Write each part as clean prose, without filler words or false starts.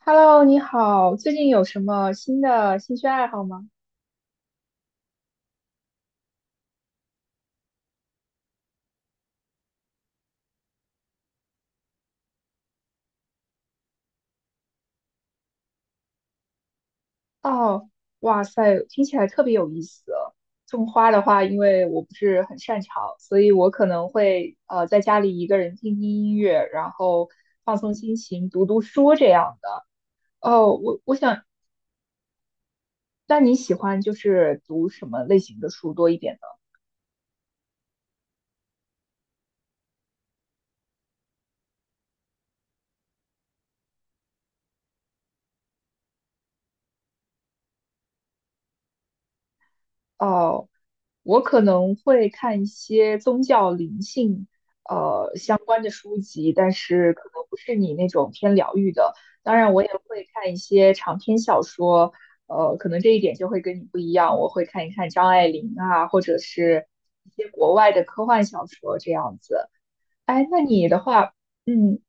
Hello，你好，最近有什么新的兴趣爱好吗？哦，哇塞，听起来特别有意思哦。种花的话，因为我不是很擅长，所以我可能会在家里一个人听听音乐，然后放松心情，读读书这样的。哦，我想，那你喜欢就是读什么类型的书多一点呢？哦，我可能会看一些宗教灵性相关的书籍，但是可能不是你那种偏疗愈的。当然，我也会看一些长篇小说，可能这一点就会跟你不一样。我会看一看张爱玲啊，或者是一些国外的科幻小说这样子。哎，那你的话，嗯，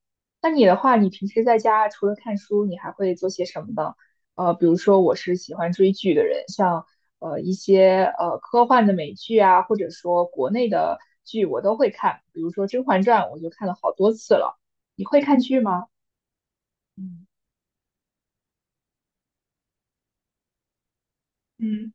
那你的话，你平时在家除了看书，你还会做些什么呢？呃，比如说我是喜欢追剧的人，像一些科幻的美剧啊，或者说国内的剧，我都会看。比如说《甄嬛传》，我就看了好多次了。你会看剧吗？嗯嗯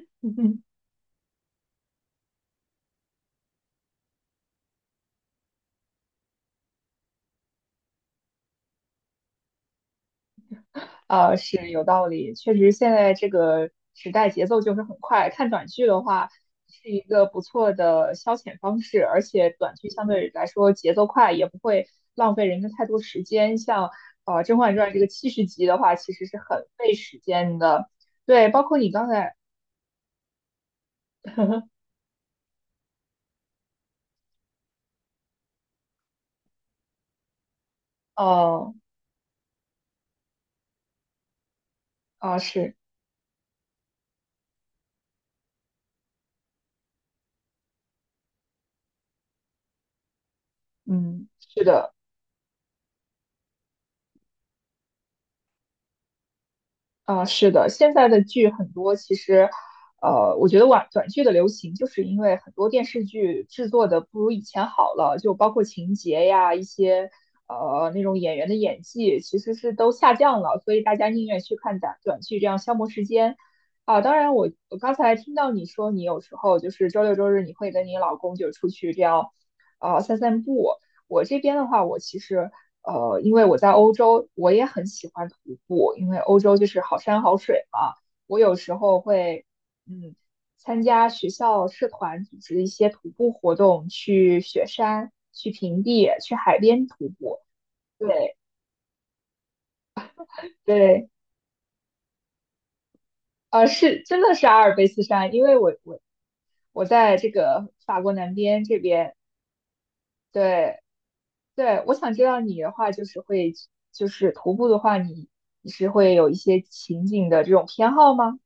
啊，是有道理，确实现在这个时代节奏就是很快，看短剧的话是一个不错的消遣方式，而且短剧相对来说节奏快，也不会浪费人的太多时间。像《甄嬛传》这个70集的话，其实是很费时间的。对，包括你刚才，呃，啊是，嗯，是的。啊，是的，现在的剧很多，其实，我觉得短剧的流行，就是因为很多电视剧制作的不如以前好了，就包括情节呀，一些那种演员的演技，其实是都下降了，所以大家宁愿去看短剧，这样消磨时间。啊，当然我刚才听到你说，你有时候就是周六周日你会跟你老公就出去这样，散散步。我这边的话，我其实。因为我在欧洲，我也很喜欢徒步，因为欧洲就是好山好水嘛。我有时候会，嗯，参加学校社团组织的一些徒步活动，去雪山、去平地、去海边徒步。对对，是真的是阿尔卑斯山，因为我在这个法国南边这边。对对，我想知道你的话，就是会就是徒步的话，你是会有一些情景的这种偏好吗？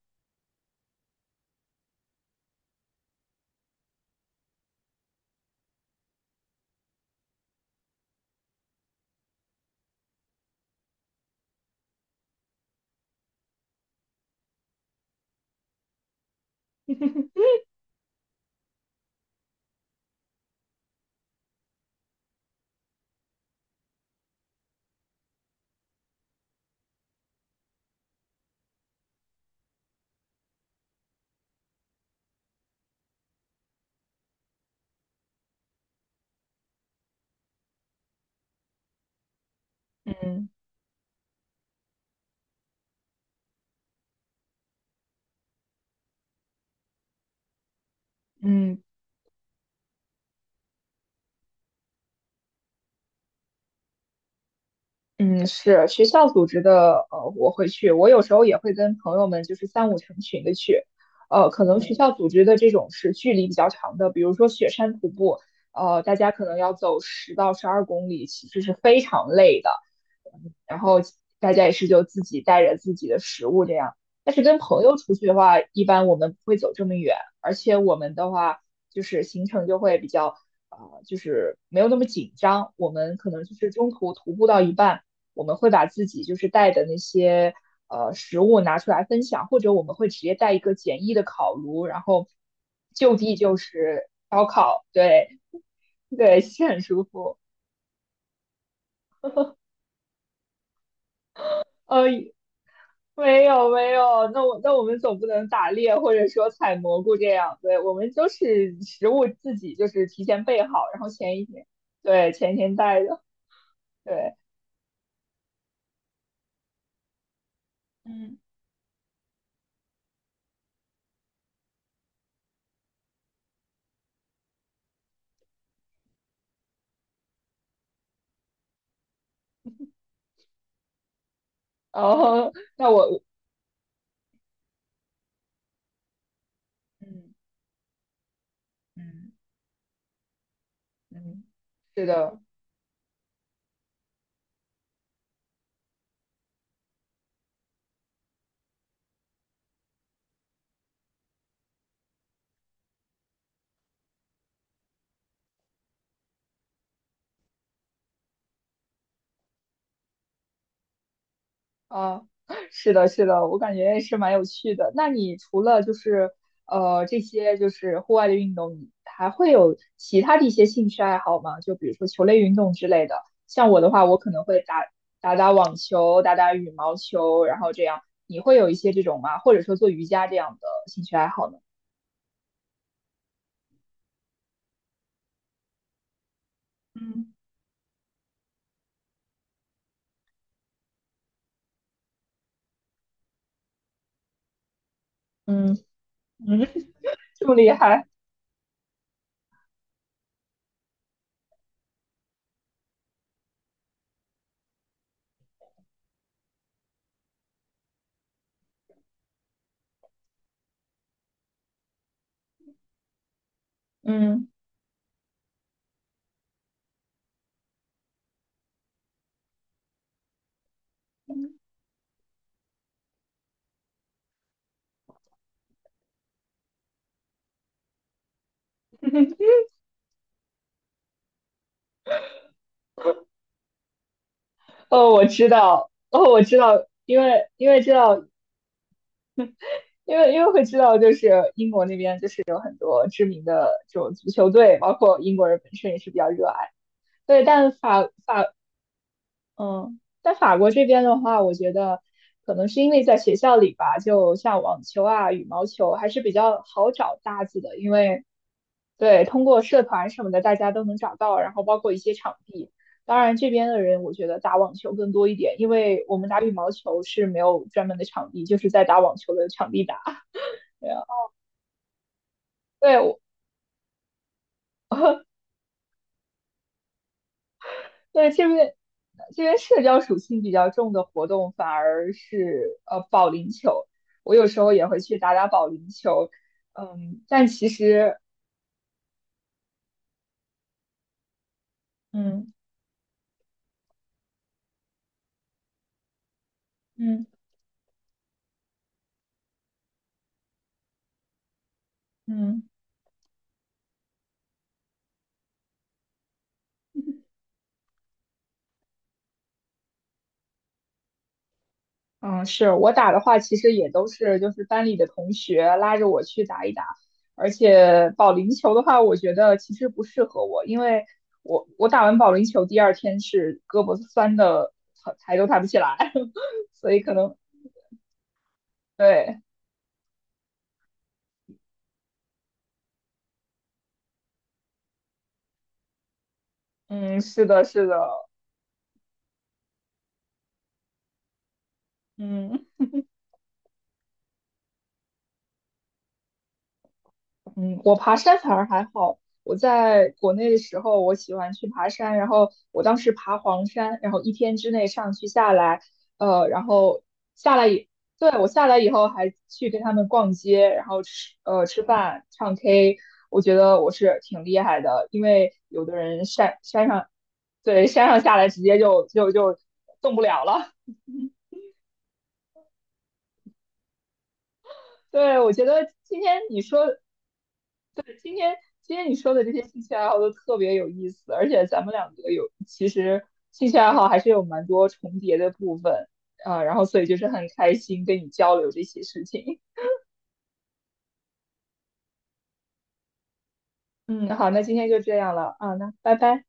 嗯嗯，嗯，是学校组织的，呃，我会去，我有时候也会跟朋友们就是三五成群的去，呃，可能学校组织的这种是距离比较长的，比如说雪山徒步，呃，大家可能要走10到12公里，其实是非常累的，嗯然后大家也是就自己带着自己的食物这样，但是跟朋友出去的话，一般我们不会走这么远，而且我们的话就是行程就会比较。就是没有那么紧张。我们可能就是中途徒步到一半，我们会把自己就是带的那些食物拿出来分享，或者我们会直接带一个简易的烤炉，然后就地就是烧烤，对对，是很舒服。呃，没有没有，那我那我们总不能打猎或者说采蘑菇这样，对，我们都是食物自己就是提前备好，然后前一天，对，前一天带的，对，嗯然后那我，嗯嗯嗯嗯，是的。啊，是的，是的，我感觉是蛮有趣的。那你除了就是这些就是户外的运动，你还会有其他的一些兴趣爱好吗？就比如说球类运动之类的。像我的话，我可能会打网球，打打羽毛球，然后这样。你会有一些这种吗？或者说做瑜伽这样的兴趣爱好呢？嗯嗯嗯，这么厉害。嗯。哦，我知道，哦，我知道，因为知道，因为会知道，就是英国那边就是有很多知名的这种足球队，包括英国人本身也是比较热爱。对，但嗯，但法国这边的话，我觉得可能是因为在学校里吧，就像网球啊、羽毛球还是比较好找搭子的，因为对通过社团什么的，大家都能找到，然后包括一些场地。当然，这边的人我觉得打网球更多一点，因为我们打羽毛球是没有专门的场地，就是在打网球的场地打。对啊，对，对，这边社交属性比较重的活动反而是保龄球，我有时候也会去打打保龄球，嗯，但其实嗯嗯嗯嗯，是我打的话，其实也都是就是班里的同学拉着我去打一打，而且保龄球的话，我觉得其实不适合我，因为我打完保龄球第二天是胳膊酸的，抬都抬不起来，所以可能对。嗯，是的，是的，嗯嗯，我爬山反而还好。我在国内的时候，我喜欢去爬山，然后我当时爬黄山，然后一天之内上去下来，然后下来以，对，我下来以后还去跟他们逛街，然后吃饭、唱 K,我觉得我是挺厉害的，因为有的人山上，对，山上下来直接就动不了了。对，我觉得今天你说的这些兴趣爱好都特别有意思，而且咱们两个有其实兴趣爱好还是有蛮多重叠的部分，啊、然后所以就是很开心跟你交流这些事情。嗯，好，那今天就这样了啊，那拜拜。